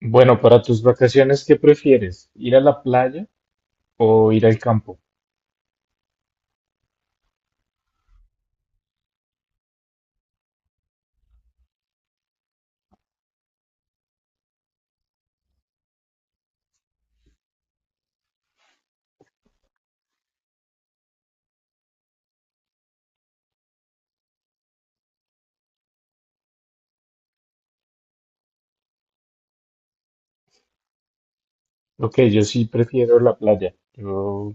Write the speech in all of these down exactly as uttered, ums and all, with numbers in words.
Bueno, para tus vacaciones, ¿qué prefieres? ¿Ir a la playa o ir al campo? Ok, yo sí prefiero la playa. Yo,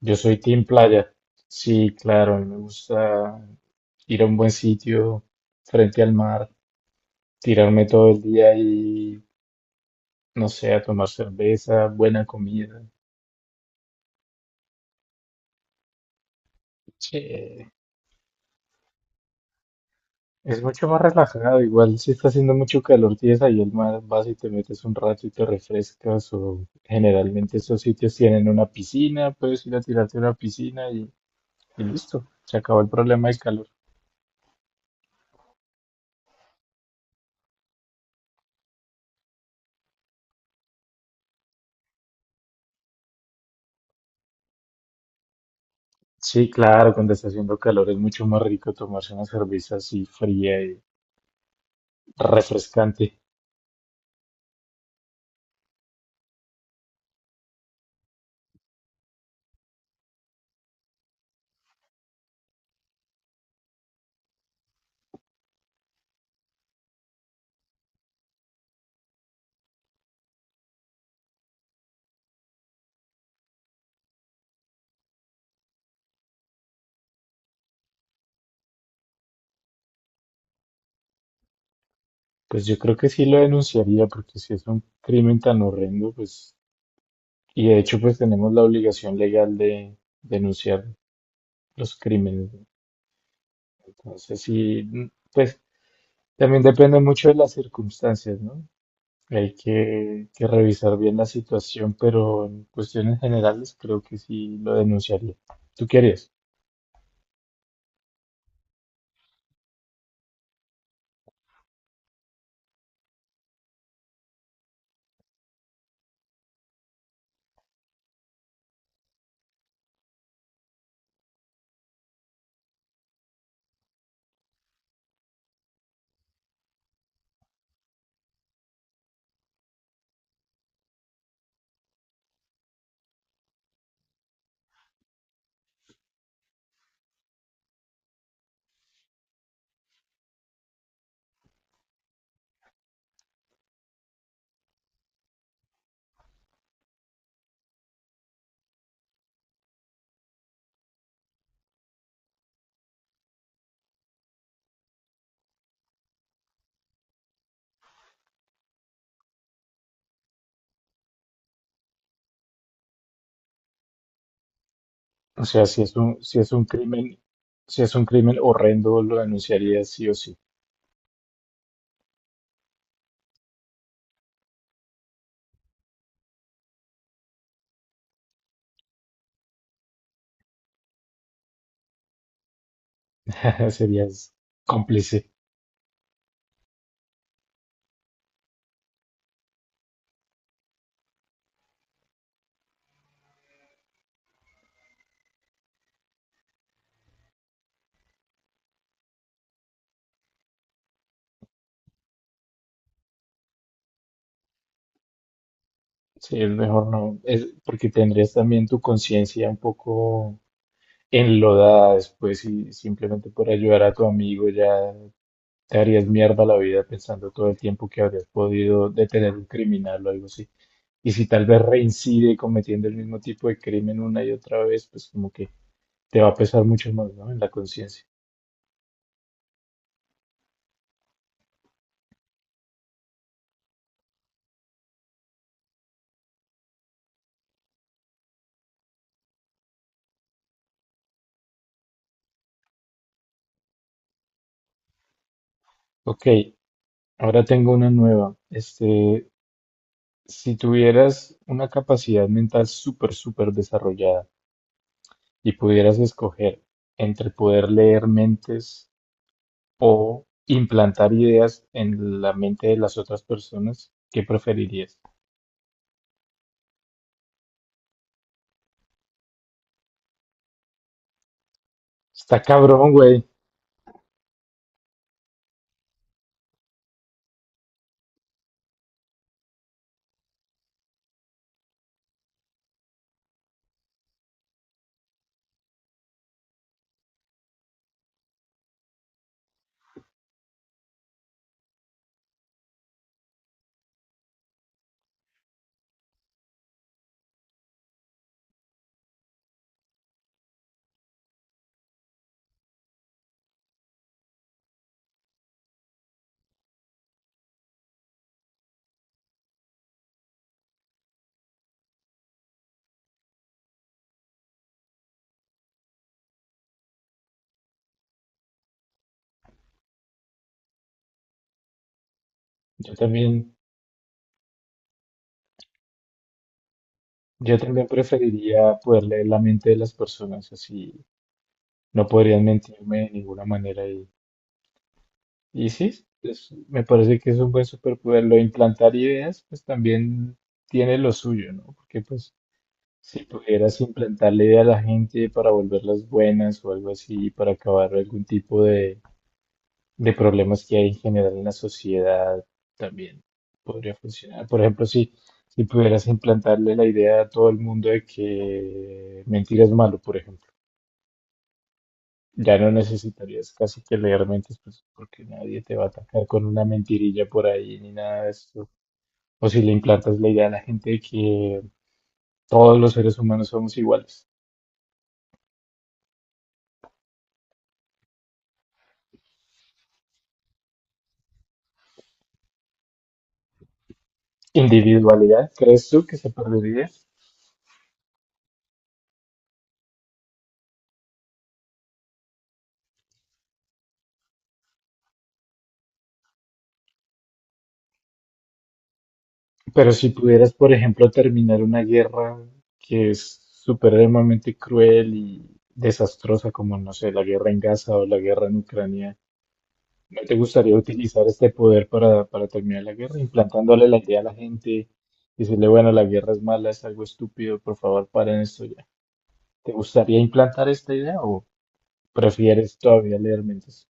yo soy team playa. Sí, claro, a mí me gusta ir a un buen sitio, frente al mar, tirarme todo el día y, no sé, a tomar cerveza, buena comida. Sí. Es mucho más relajado, igual si está haciendo mucho calor, tienes ahí el mar, vas y te metes un rato y te refrescas, o generalmente esos sitios tienen una piscina, puedes ir a tirarte a una piscina y, y listo, se acabó el problema del calor. Sí, claro, cuando está haciendo calor es mucho más rico tomarse una cerveza así fría y refrescante. Pues yo creo que sí lo denunciaría, porque si es un crimen tan horrendo, pues, y de hecho pues tenemos la obligación legal de denunciar los crímenes, ¿no? Entonces sí, mm, pues también depende mucho de las circunstancias, ¿no? Hay que, que revisar bien la situación, pero en cuestiones generales creo que sí lo denunciaría. ¿Tú qué harías? O sea, si es un, si es un crimen, si es un crimen horrendo, lo denunciarías sí o sí. Serías cómplice. Sí, es mejor no, es porque tendrías también tu conciencia un poco enlodada después y simplemente por ayudar a tu amigo ya te harías mierda la vida pensando todo el tiempo que habrías podido detener un criminal o algo así. Y si tal vez reincide cometiendo el mismo tipo de crimen una y otra vez, pues como que te va a pesar mucho más, ¿no? En la conciencia. Ok, ahora tengo una nueva. Este, si tuvieras una capacidad mental súper, súper desarrollada y pudieras escoger entre poder leer mentes o implantar ideas en la mente de las otras personas, ¿qué preferirías? Está cabrón, güey. Yo también, yo también preferiría poder leer la mente de las personas, así no podrían mentirme de ninguna manera. Y, y sí, es- me parece que es un buen superpoder. Lo de implantar ideas, pues también tiene lo suyo, ¿no? Porque pues si pudieras implantarle idea a la gente para volverlas buenas o algo así, para acabar algún tipo de... de problemas que hay en general en la sociedad también podría funcionar. Por ejemplo, si, si pudieras implantarle la idea a todo el mundo de que mentir es malo, por ejemplo, ya no necesitarías casi que leer mentes, pues, porque nadie te va a atacar con una mentirilla por ahí ni nada de eso. O si le implantas la idea a la gente de que todos los seres humanos somos iguales. ¿Individualidad? ¿Crees tú que se perdería? Pero si pudieras, por ejemplo, terminar una guerra que es supremamente cruel y desastrosa, como, no sé, la guerra en Gaza o la guerra en Ucrania, ¿no te gustaría utilizar este poder para, para terminar la guerra, implantándole la idea a la gente, decirle, bueno, la guerra es mala, es algo estúpido, por favor, paren esto ya? ¿Te gustaría implantar esta idea o prefieres todavía leer mentes?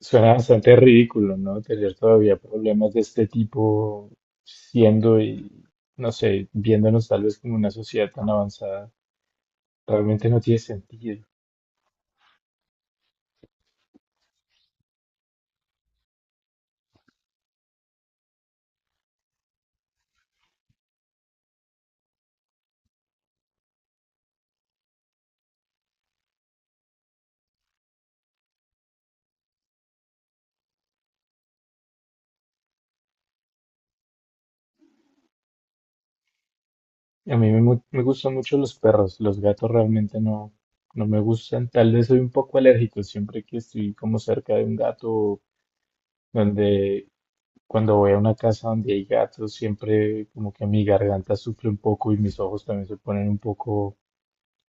Suena bastante ridículo, ¿no? Tener todavía problemas de este tipo siendo y, no sé, viéndonos tal vez como una sociedad tan avanzada. Realmente no tiene sentido. A mí me, mu- me gustan mucho los perros, los gatos realmente no, no me gustan. Tal vez soy un poco alérgico siempre que estoy como cerca de un gato, donde cuando voy a una casa donde hay gatos, siempre como que mi garganta sufre un poco y mis ojos también se ponen un poco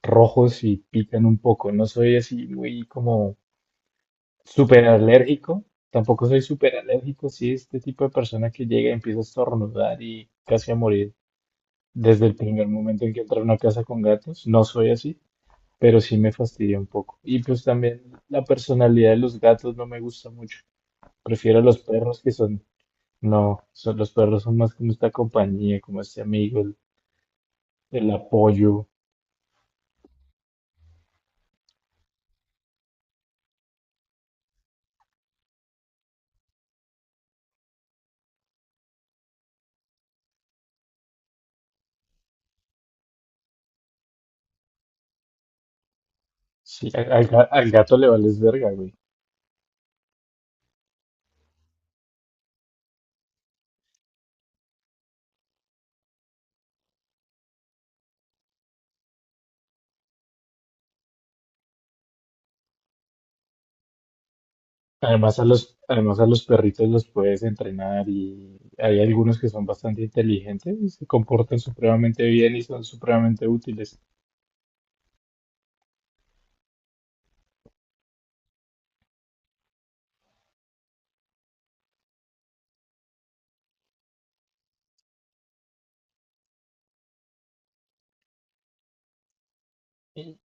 rojos y pican un poco. No soy así muy como súper alérgico. Tampoco soy súper alérgico. Sí, este tipo de persona que llega y empieza a estornudar y casi a morir desde el primer momento en que entra a una casa con gatos. No soy así, pero sí me fastidia un poco. Y pues también la personalidad de los gatos no me gusta mucho. Prefiero a los perros que son, no, son, los perros son más como esta compañía, como este amigo, el, el apoyo. Sí, a- al, ga- al gato le vales verga, güey. Además a los, además a los perritos los puedes entrenar y hay algunos que son bastante inteligentes y se comportan supremamente bien y son supremamente útiles. Y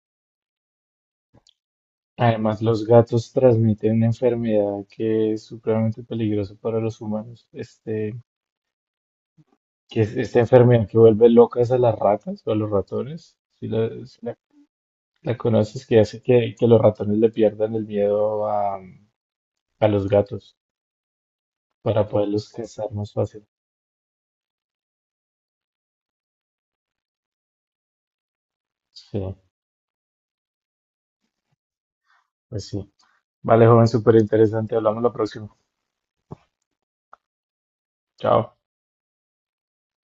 además los gatos transmiten una enfermedad que es supremamente peligrosa para los humanos. Este, que es esta enfermedad que vuelve locas a las ratas o a los ratones. Si la, si la- la conoces, que hace que, que los ratones le pierdan el miedo a, a los gatos para poderlos cazar más fácil. Sí, pues sí. Vale, joven, súper interesante. Hablamos la próxima. Chao.